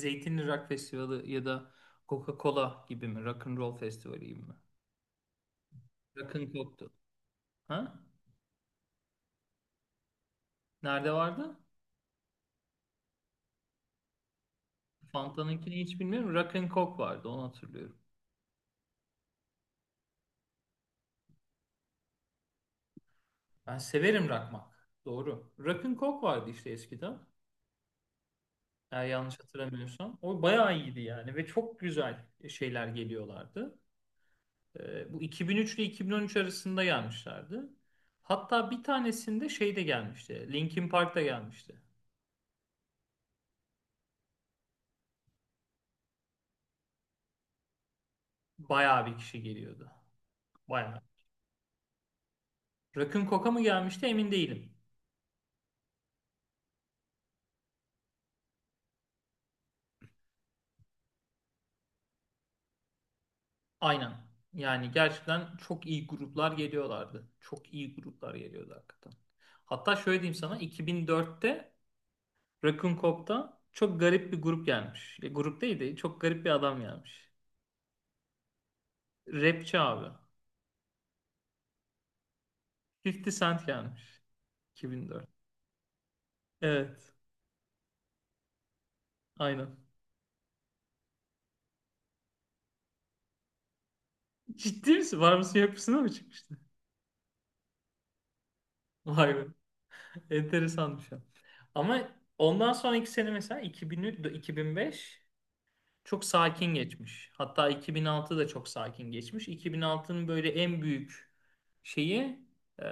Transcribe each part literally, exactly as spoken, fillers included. Zeytinli Rock Festivali ya da Coca-Cola gibi mi? Rock and Roll Festivali gibi mi? Rock and Coke'tu. Ha? Nerede vardı? Fanta'nınkini hiç bilmiyorum. Rock and Coke vardı, onu hatırlıyorum. Ben severim rakmak. Doğru. Rock and Coke vardı işte eskiden, eğer yanlış hatırlamıyorsam. O bayağı iyiydi yani ve çok güzel şeyler geliyorlardı. Ee, bu iki bin üç ile iki bin on üç arasında gelmişlerdi. Hatta bir tanesinde şey de gelmişti. Linkin Park da gelmişti. Bayağı bir kişi geliyordu. Bayağı. Rakun Koka mı gelmişti emin değilim. Aynen. Yani gerçekten çok iyi gruplar geliyorlardı. Çok iyi gruplar geliyordu hakikaten. Hatta şöyle diyeyim sana, iki bin dörtte Rakun Kok'ta çok garip bir grup gelmiş. E, grup değil de çok garip bir adam gelmiş. Rapçi abi. fifty Cent gelmiş, iki bin dört. Evet. Aynen. Ciddi misin? Var mısın yok musun mı çıkmıştı? Vay be. Enteresan bir şey. Ama ondan sonraki sene mesela iki bin üç, iki bin beş çok sakin geçmiş. Hatta iki bin altı da çok sakin geçmiş. iki bin altının böyle en büyük şeyi, e,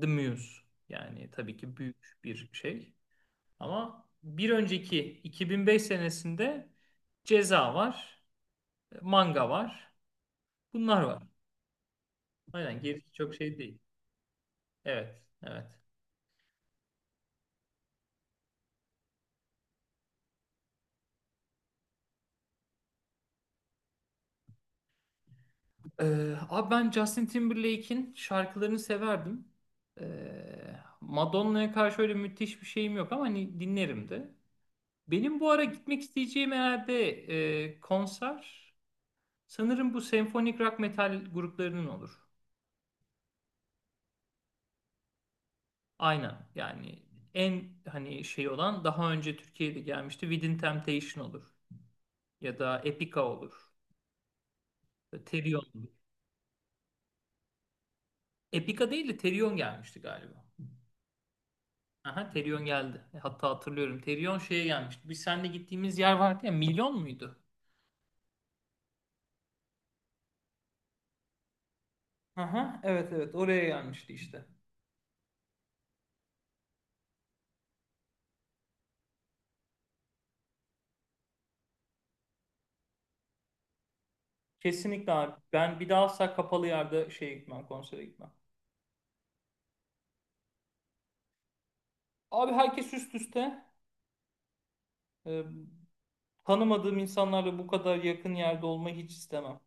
The Muse. Yani tabii ki büyük bir şey. Ama bir önceki iki bin beş senesinde Ceza var, Manga var. Bunlar var. Aynen, gerisi çok şey değil. Evet, evet. Ee, abi, ben Justin Timberlake'in şarkılarını severdim. Ee, Madonna'ya karşı öyle müthiş bir şeyim yok ama hani dinlerim de. Benim bu ara gitmek isteyeceğim herhalde e, konser, sanırım, bu senfonik rock metal gruplarının olur. Aynen. Yani en hani şey olan daha önce Türkiye'de gelmişti. Within Temptation olur. Ya da Epica olur. E, Therion olur. Epica değil de Therion gelmişti galiba. Aha, Therion geldi. E, Hatta hatırlıyorum, Therion şeye gelmişti. Biz seninle gittiğimiz yer vardı ya. Milyon muydu? Aha, evet, evet, oraya gelmişti işte. Kesinlikle abi. Ben bir daha asla kapalı yerde şeye gitmem, konsere gitmem. Abi, herkes üst üste. Ee, Tanımadığım insanlarla bu kadar yakın yerde olmayı hiç istemem.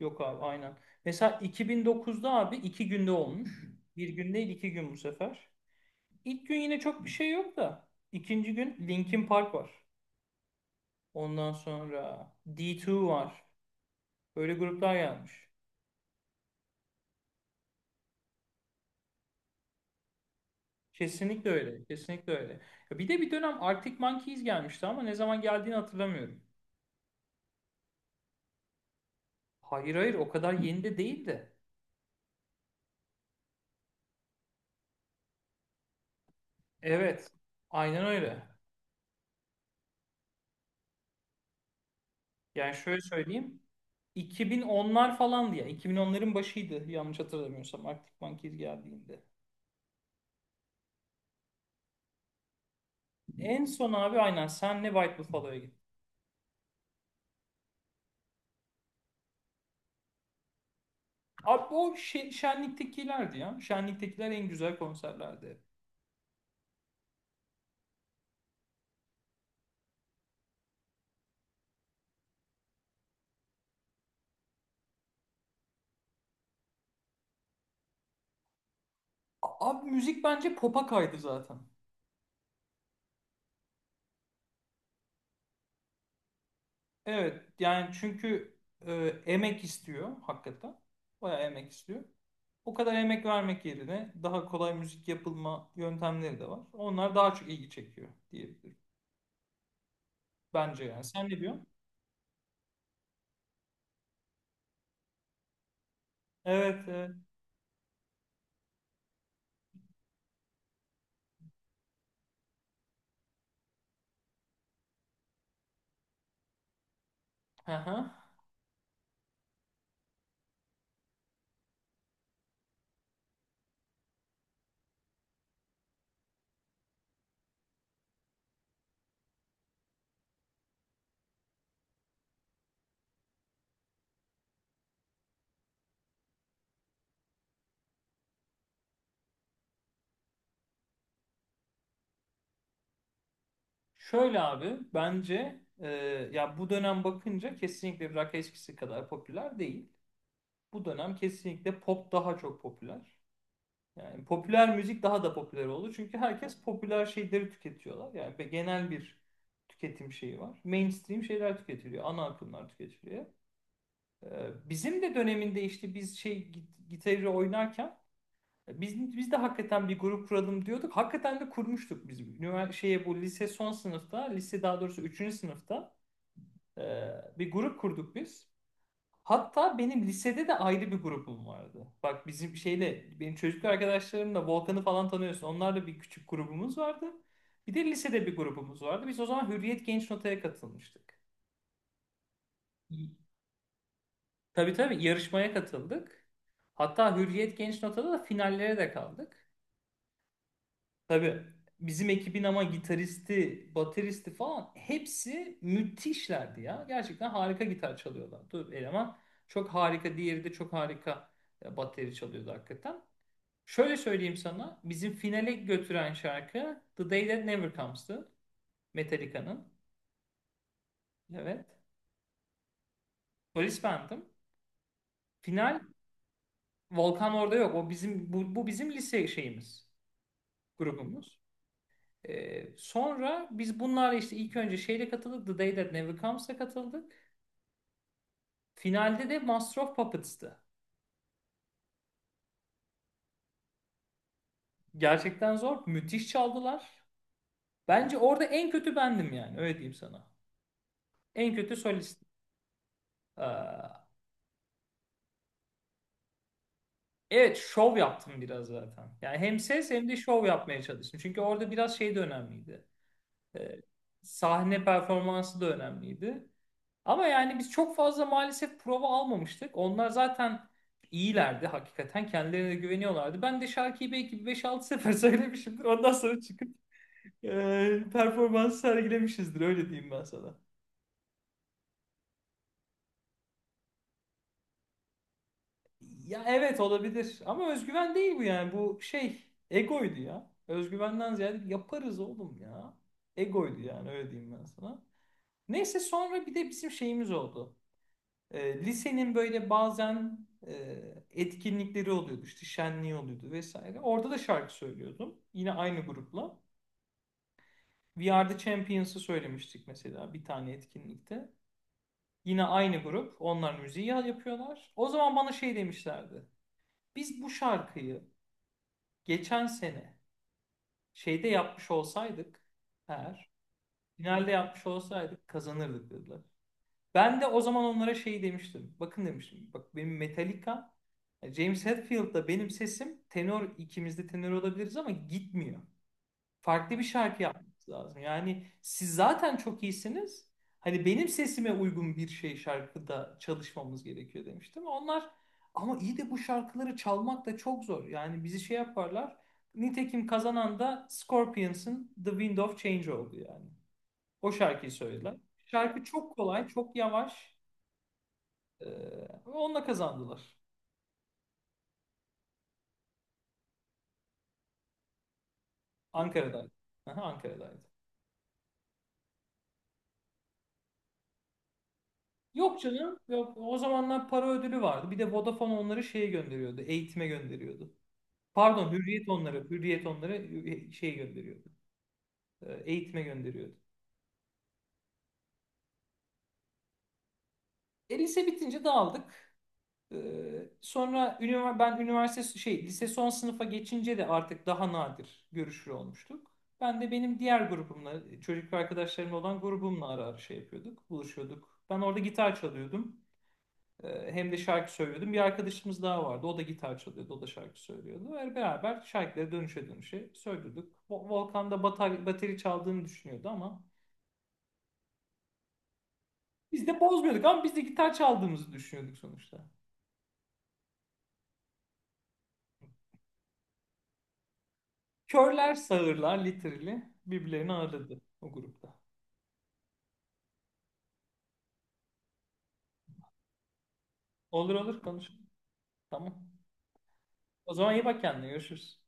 Yok abi, aynen. Mesela iki bin dokuzda abi iki günde olmuş. Bir gün değil, iki gün bu sefer. İlk gün yine çok bir şey yok da, İkinci gün Linkin Park var. Ondan sonra D iki var. Böyle gruplar gelmiş. Kesinlikle öyle. Kesinlikle öyle. Ya, bir de bir dönem Arctic Monkeys gelmişti ama ne zaman geldiğini hatırlamıyorum. Hayır, hayır, o kadar yeni de değil. Evet. Aynen öyle. Yani şöyle söyleyeyim, iki bin onlar falandı ya. iki bin onların başıydı yanlış hatırlamıyorsam, Arctic Monkeys geldiğinde. En son abi aynen senle White Buffalo'ya gittim. Abi o şe- Şenlik'tekilerdi ya. Şenlik'tekiler en güzel konserlerdi. A- Abi, müzik bence pop'a kaydı zaten. Evet, yani çünkü e, emek istiyor hakikaten. Bayağı emek istiyor. O kadar emek vermek yerine daha kolay müzik yapılma yöntemleri de var. Onlar daha çok ilgi çekiyor diyebilirim. Bence yani. Sen ne diyorsun? Evet, evet. Aha. Şöyle abi, bence e, ya bu dönem bakınca kesinlikle rock eskisi kadar popüler değil. Bu dönem kesinlikle pop daha çok popüler. Yani popüler müzik daha da popüler oldu. Çünkü herkes popüler şeyleri tüketiyorlar. Yani be- genel bir tüketim şeyi var. Mainstream şeyler tüketiliyor. Ana akımlar tüketiliyor. E, Bizim de döneminde işte biz şey git- gitarı oynarken Biz, biz de hakikaten bir grup kuralım diyorduk. Hakikaten de kurmuştuk biz. Ünivers- şeye bu lise son sınıfta, lise daha doğrusu üçüncü sınıfta e, bir grup kurduk biz. Hatta benim lisede de ayrı bir grubum vardı. Bak, bizim şeyle, benim çocukluk arkadaşlarımla, Volkan'ı falan tanıyorsun. Onlarla bir küçük grubumuz vardı. Bir de lisede bir grubumuz vardı. Biz o zaman Hürriyet Genç Nota'ya katılmıştık. Tabii, tabii, yarışmaya katıldık. Hatta Hürriyet Genç Nota'da da finallere de kaldık. Tabii, bizim ekibin ama gitaristi, bateristi falan hepsi müthişlerdi ya. Gerçekten harika gitar çalıyorlardı. Eleman çok harika, diğeri de çok harika e, bateri çalıyordu hakikaten. Şöyle söyleyeyim sana, bizim finale götüren şarkı The Day That Never Comes'tı. Metallica'nın. Evet. Polis bendim. Final. Volkan orada yok. O bizim bu, bu bizim lise şeyimiz, grubumuz. Ee, sonra biz bunlarla işte ilk önce şeyle katıldık. The Day That Never Comes'a katıldık. Finalde de Master of Puppets'tı. Gerçekten zor. Müthiş çaldılar. Bence orada en kötü bendim yani. Öyle diyeyim sana. En kötü solist. Ee, evet, şov yaptım biraz zaten. Yani hem ses hem de şov yapmaya çalıştım. Çünkü orada biraz şey de önemliydi. Ee, Sahne performansı da önemliydi. Ama yani biz çok fazla maalesef prova almamıştık. Onlar zaten iyilerdi hakikaten. Kendilerine de güveniyorlardı. Ben de şarkıyı belki bir beş altı sefer söylemişimdir. Ondan sonra çıkıp e, performans sergilemişizdir, öyle diyeyim ben sana. Ya, evet, olabilir ama özgüven değil bu, yani bu şey egoydu ya. Özgüvenden ziyade yaparız oğlum ya. Egoydu yani, öyle diyeyim ben sana. Neyse, sonra bir de bizim şeyimiz oldu. E, lisenin böyle bazen e, etkinlikleri oluyordu, işte şenliği oluyordu vesaire. Orada da şarkı söylüyordum yine aynı grupla. We Are The Champions'ı söylemiştik mesela bir tane etkinlikte. Yine aynı grup. Onlar müziği ya- yapıyorlar. O zaman bana şey demişlerdi. Biz bu şarkıyı geçen sene şeyde yapmış olsaydık eğer, finalde yapmış olsaydık, kazanırdık dediler. Ben de o zaman onlara şey demiştim. Bakın demiştim. Bak, benim Metallica, James Hetfield'da benim sesim tenor, ikimiz de tenor olabiliriz ama gitmiyor. Farklı bir şarkı yapmanız lazım. Yani siz zaten çok iyisiniz. Hani benim sesime uygun bir şey, şarkıda çalışmamız gerekiyor demiştim. Onlar, ama iyi de bu şarkıları çalmak da çok zor. Yani bizi şey yaparlar. Nitekim kazanan da Scorpions'ın The Wind of Change oldu yani. O şarkıyı söylediler. Şarkı çok kolay, çok yavaş. Ee, Onunla kazandılar. Ankara'daydı. Aha, Ankara'daydı. Yok canım. Yok. O zamanlar para ödülü vardı. Bir de Vodafone onları şeye gönderiyordu. Eğitime gönderiyordu. Pardon, Hürriyet onları. Hürriyet onları e, şey gönderiyordu. e, Eğitime gönderiyordu. E, lise bitince dağıldık. E, Sonra ünivers ben üniversite şey, lise son sınıfa geçince de artık daha nadir görüşür olmuştuk. Ben de benim diğer grubumla, çocuk arkadaşlarımla olan grubumla ara ara şey yapıyorduk, buluşuyorduk. Ben orada gitar çalıyordum. Ee, Hem de şarkı söylüyordum. Bir arkadaşımız daha vardı. O da gitar çalıyordu. O da şarkı söylüyordu. Ve beraber şarkıları dönüşe dönüşe söylüyorduk. Vo- Volkan da batar, bateri çaldığını düşünüyordu ama biz de bozmuyorduk, ama biz de gitar çaldığımızı düşünüyorduk sonuçta. Körler sağırlar literally birbirlerini ağırladı o grupta. Olur, olur, konuşalım. Tamam. O zaman iyi bak kendine. Görüşürüz.